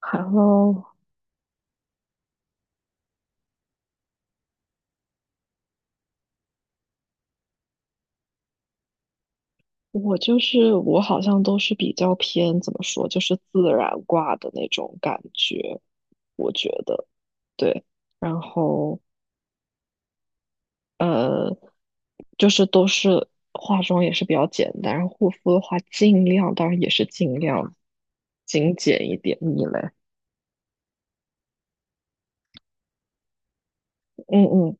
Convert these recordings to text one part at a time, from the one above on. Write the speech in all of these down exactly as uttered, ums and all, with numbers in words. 然后我就是我好像都是比较偏怎么说，就是自然挂的那种感觉，我觉得对。然后呃，就是都是化妆也是比较简单，然后护肤的话尽量，当然也是尽量精简一点。你嘞？嗯嗯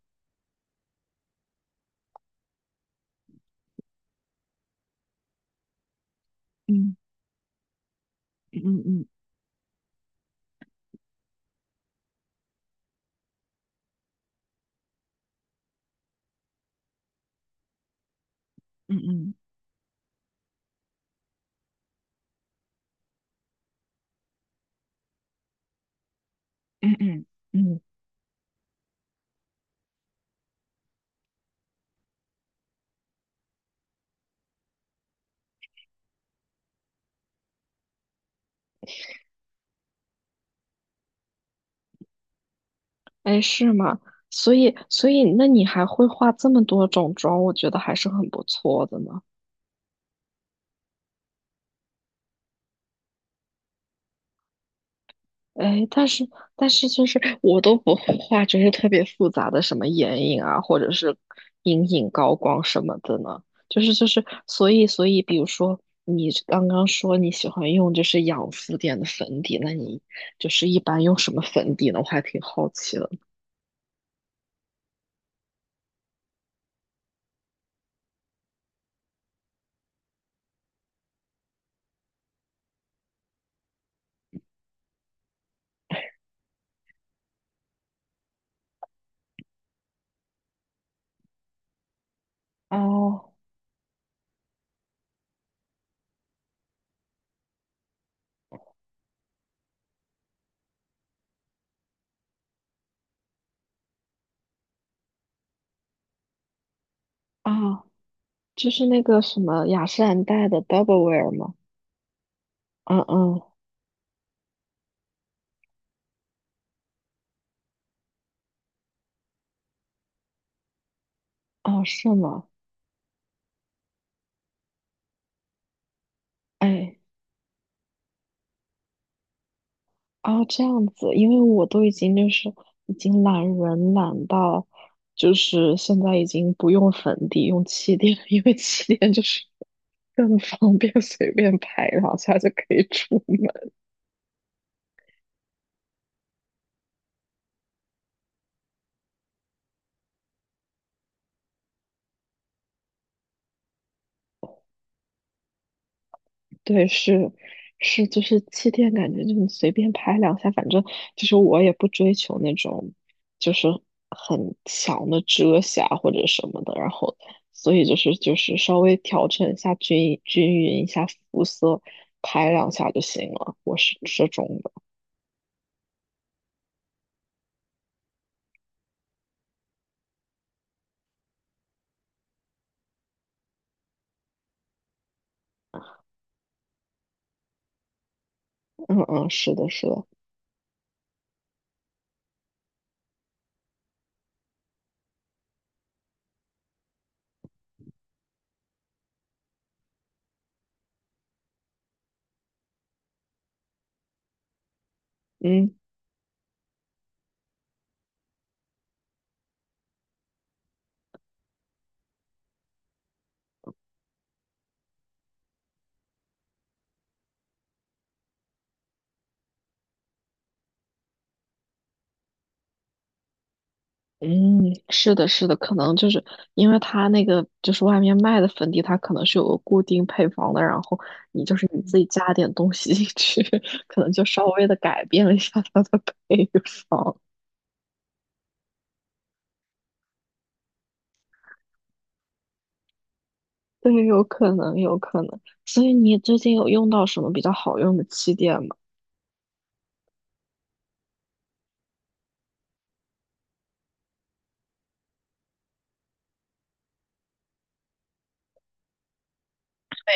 嗯嗯嗯嗯嗯嗯嗯，哎，是吗？所以所以那你还会化这么多种妆，我觉得还是很不错的呢。哎，但是但是就是我都不会画，就是特别复杂的什么眼影啊，或者是阴影、高光什么的呢。就是就是，所以所以，比如说你刚刚说你喜欢用就是养肤点的粉底，那你就是一般用什么粉底呢？我还挺好奇的。哦啊，就是那个什么雅诗兰黛的 Double Wear 吗？嗯嗯，哦，是吗？哎。哦，这样子，因为我都已经就是已经懒人懒到，就是现在已经不用粉底，用气垫，因为气垫就是更方便，随便拍两下就可以出门。对，是是，就是气垫，感觉就你随便拍两下，反正就是我也不追求那种就是很强的遮瑕或者什么的，然后所以就是就是稍微调整一下均均匀一下肤色，拍两下就行了。我是这种的，嗯嗯，是的，是的，嗯。嗯，是的，是的，可能就是因为它那个就是外面卖的粉底，它可能是有个固定配方的，然后你就是你自己加点东西进去，可能就稍微的改变了一下它的配方。对，有可能，有可能。所以你最近有用到什么比较好用的气垫吗？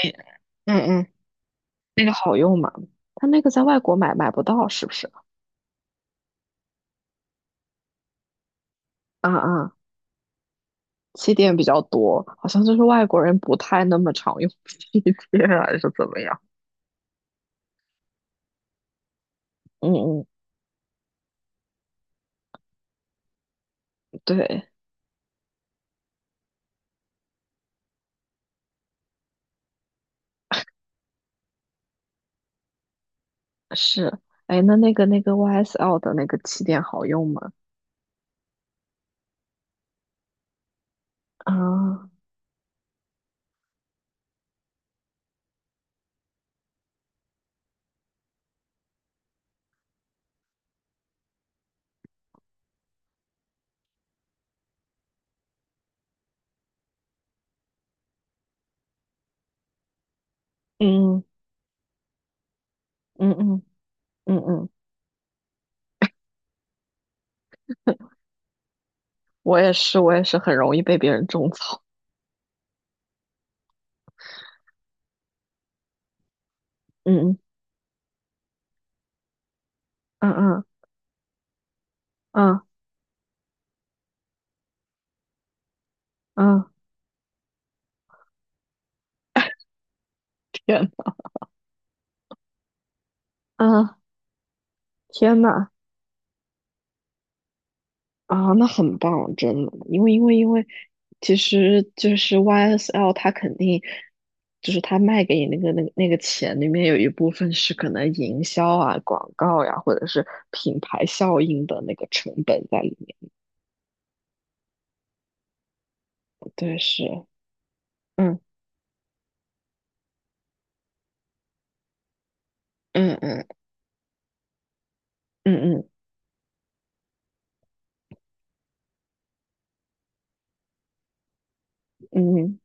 对，嗯嗯，那个好用吗？它那个在外国买买不到，是不是？啊啊，气垫比较多，好像就是外国人不太那么常用 气垫啊，还是怎么样？嗯嗯。对，是，哎，那那个那个 Y S L 的那个气垫好用吗？啊，嗯嗯嗯嗯嗯，嗯，我也是，我也是很容易被别人种草。嗯嗯嗯嗯嗯嗯天，啊天呐，啊，那很棒，真的，因为因为因为，其实就是 Y S L 它肯定就是它卖给你那个那个那个钱里面有一部分是可能营销啊、广告呀、或者是品牌效应的那个成本在里面。对，是，嗯嗯嗯嗯嗯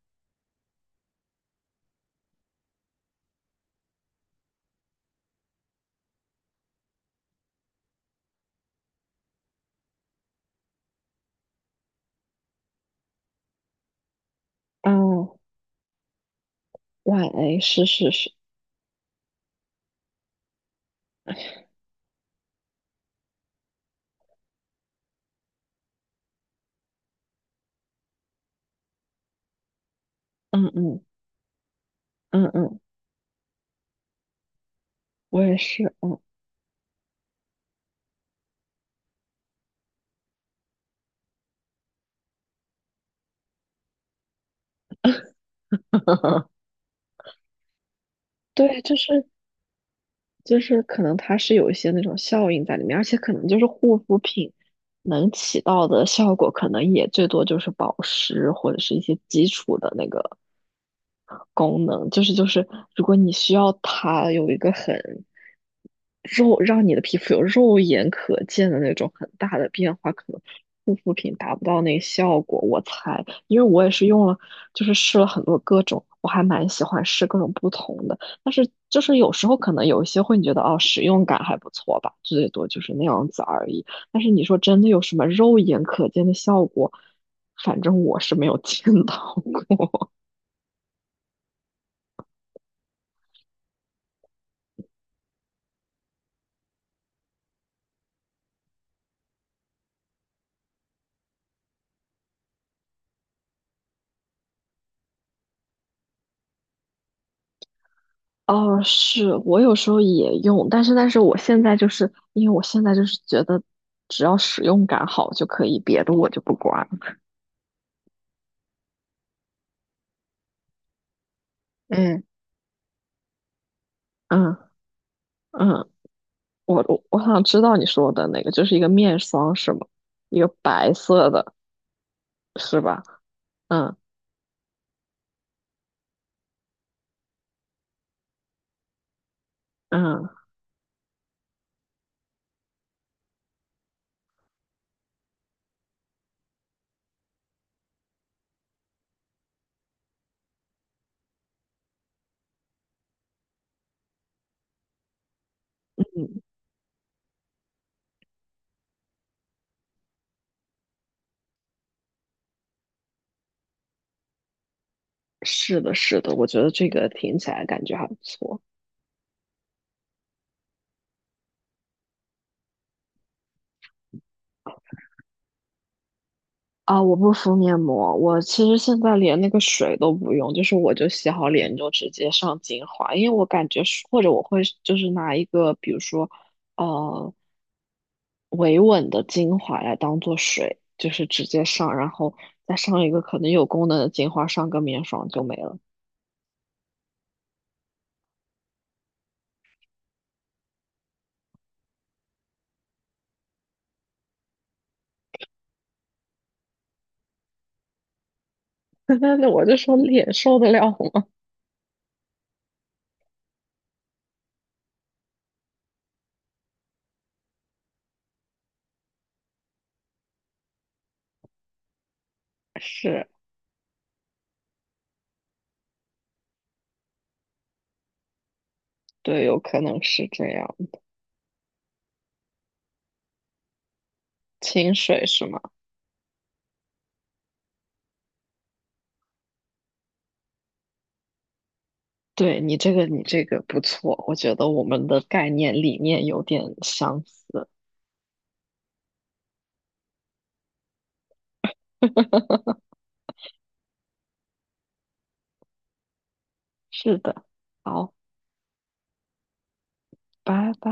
嗯，哦，晚 A 是是是，嗯嗯嗯嗯，我也是，嗯，对，就是就是可能它是有一些那种效应在里面，而且可能就是护肤品能起到的效果，可能也最多就是保湿或者是一些基础的那个。功能，就是就是，如果你需要它有一个很肉，让你的皮肤有肉眼可见的那种很大的变化，可能护肤品达不到那个效果。我猜，因为我也是用了，就是试了很多各种，我还蛮喜欢试各种不同的。但是就是有时候可能有一些会你觉得哦，使用感还不错吧，最多就是那样子而已。但是你说真的有什么肉眼可见的效果，反正我是没有 见到过。哦，是我有时候也用，但是但是我现在就是因为我现在就是觉得只要使用感好就可以，别的我就不管。嗯，嗯嗯，我我我想知道你说的那个，就是一个面霜是吗？一个白色的是吧？嗯嗯嗯，是的，是的，我觉得这个听起来感觉还不错。啊，我不敷面膜，我其实现在连那个水都不用，就是我就洗好脸就直接上精华，因为我感觉是或者我会就是拿一个比如说呃维稳的精华来当做水，就是直接上，然后再上一个可能有功能的精华，上个面霜就没了。但是我就说脸受得了吗？是，对，有可能是这样，清水是吗？对你这个，你这个不错，我觉得我们的概念理念有点相似。是的，好，拜拜。